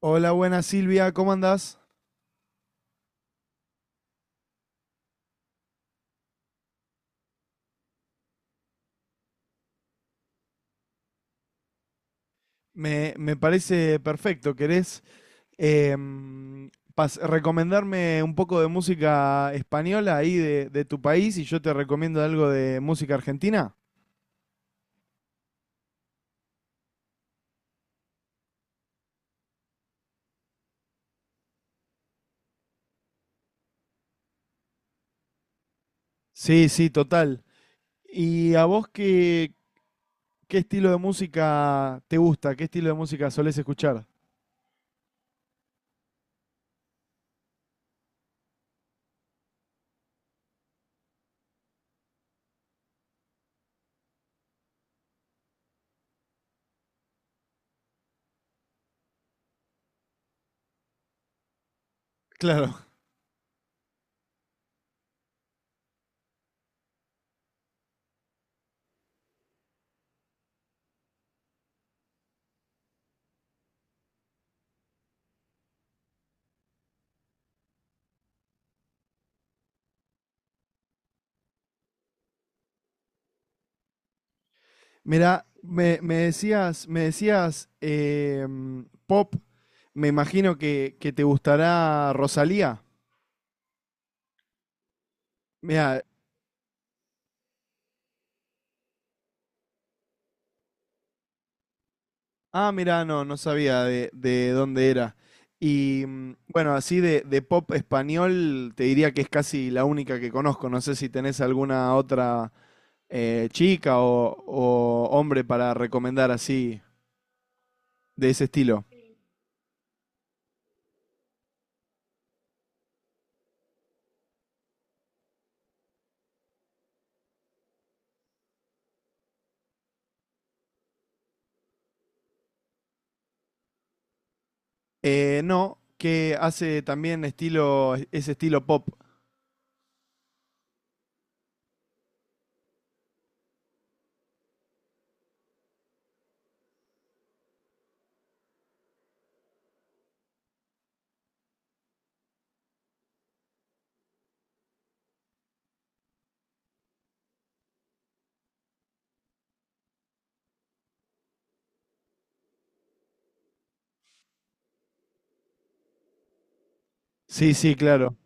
Hola, buenas Silvia, ¿cómo andás? Me parece perfecto. ¿Querés em, recomendarme un poco de música española ahí de tu país y yo te recomiendo algo de música argentina? Sí, sí, total. ¿Y a vos qué estilo de música te gusta? ¿Qué estilo de música solés escuchar? Claro. Mirá, me decías pop, me imagino que te gustará Rosalía. Mira, ah, mirá, no, no sabía de dónde era. Y bueno, así de pop español, te diría que es casi la única que conozco. No sé si tenés alguna otra chica o hombre para recomendar así, de ese estilo. No, que hace también estilo, ese estilo pop. Sí, sí, claro.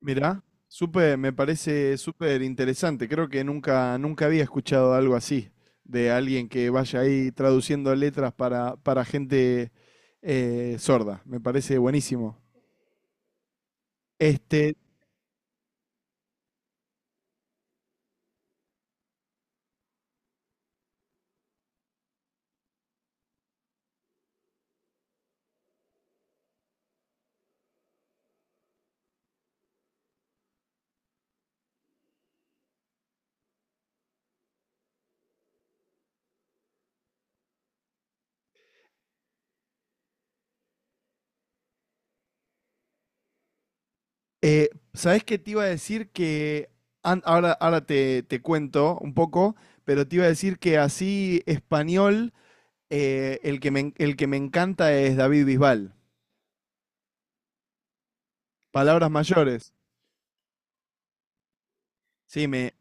Mirá, súper, me parece súper interesante. Creo que nunca había escuchado algo así, de alguien que vaya ahí traduciendo letras para gente sorda. Me parece buenísimo. Este, ¿sabés qué te iba a decir? Que ahora te cuento un poco, pero te iba a decir que así español, el que el que me encanta es David Bisbal. Palabras mayores. Sí, me,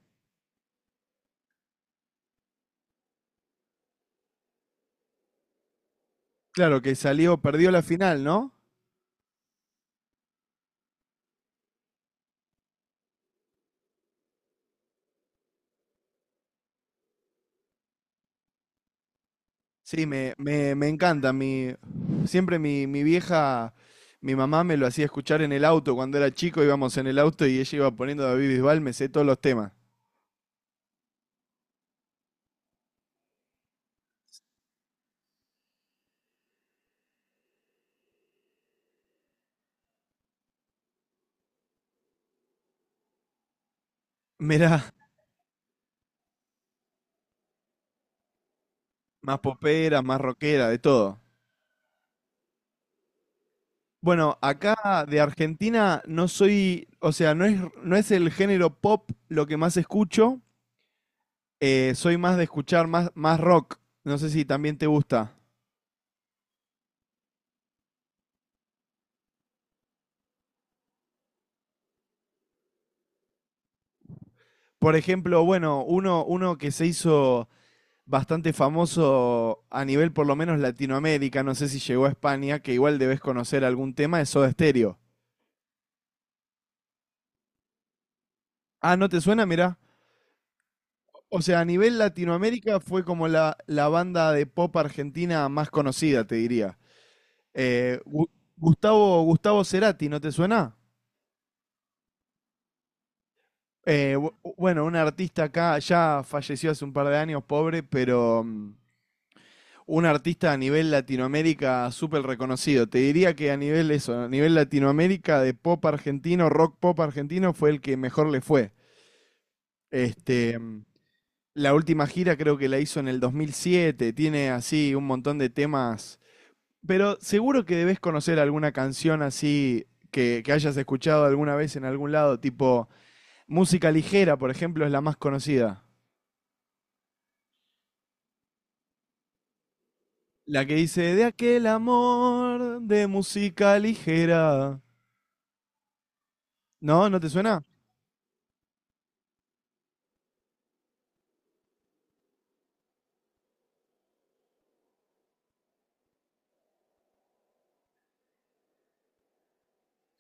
claro que salió, perdió la final, ¿no? Sí, me encanta. Mi, siempre mi vieja, mi mamá me lo hacía escuchar en el auto. Cuando era chico íbamos en el auto y ella iba poniendo David Bisbal, me sé todos los temas. Mirá, más popera, más rockera, de todo. Bueno, acá de Argentina no soy, o sea, no es el género pop lo que más escucho. Eh, soy más de escuchar más rock. No sé si también te gusta. Por ejemplo, bueno, uno que se hizo bastante famoso a nivel por lo menos Latinoamérica, no sé si llegó a España, que igual debes conocer algún tema, es Soda Stereo. Ah, ¿no te suena? Mirá. O sea, a nivel Latinoamérica fue como la banda de pop argentina más conocida, te diría. Eh, Gu- Gustavo Cerati, ¿no te suena? Bueno, un artista acá ya falleció hace un par de años, pobre, pero un artista a nivel Latinoamérica súper reconocido. Te diría que a nivel eso, a nivel Latinoamérica de pop argentino, rock pop argentino, fue el que mejor le fue. Este, mm, la última gira creo que la hizo en el 2007, tiene así un montón de temas, pero seguro que debes conocer alguna canción así que hayas escuchado alguna vez en algún lado, tipo música ligera, por ejemplo, es la más conocida. La que dice, de aquel amor de música ligera. ¿No? ¿No te suena?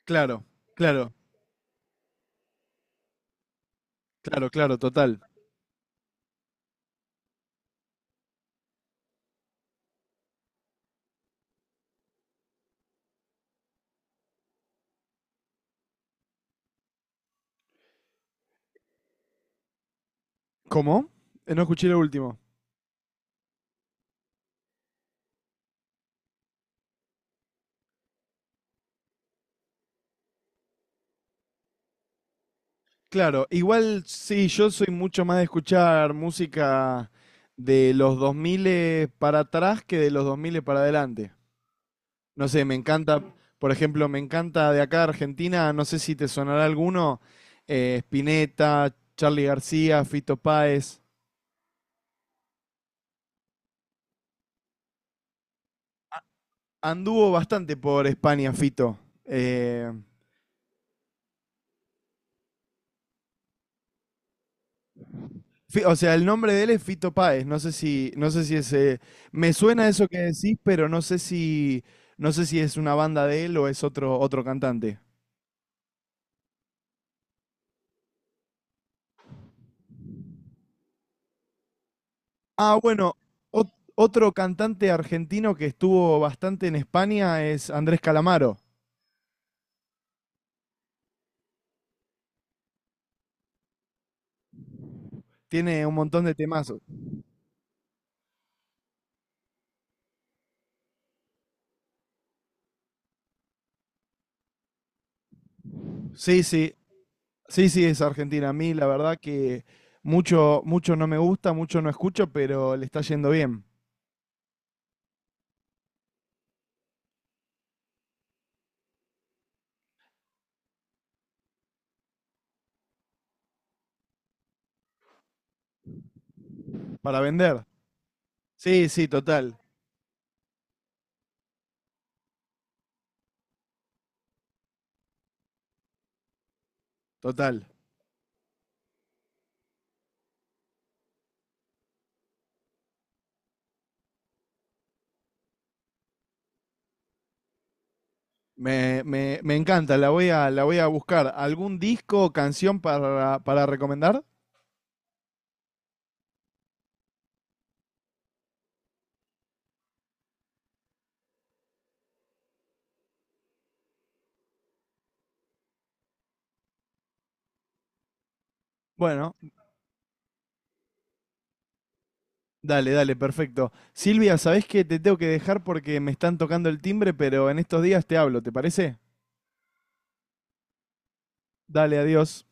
Claro, claro, claro, total. ¿Cómo? No escuché lo último. Claro, igual sí, yo soy mucho más de escuchar música de los 2000 para atrás que de los 2000 para adelante. No sé, me encanta, por ejemplo, me encanta de acá de Argentina, no sé si te sonará alguno, Spinetta, Charly García, Fito Páez. Anduvo bastante por España, Fito. Eh, O sea, el nombre de él es Fito Páez. No sé no sé si es. Eh, me suena eso que decís, pero no sé no sé si es una banda de él o es otro, otro cantante. Ah, bueno, otro cantante argentino que estuvo bastante en España es Andrés Calamaro. Tiene un montón de temazos. Sí, sí, sí, es Argentina. A mí, la verdad que mucho no me gusta, mucho no escucho, pero le está yendo bien para vender. Sí, sí, total. Me encanta, la voy a buscar. ¿Algún disco o canción para recomendar? Bueno, dale, dale, perfecto. Silvia, ¿sabés que te tengo que dejar porque me están tocando el timbre, pero en estos días te hablo, ¿te parece? Dale, adiós.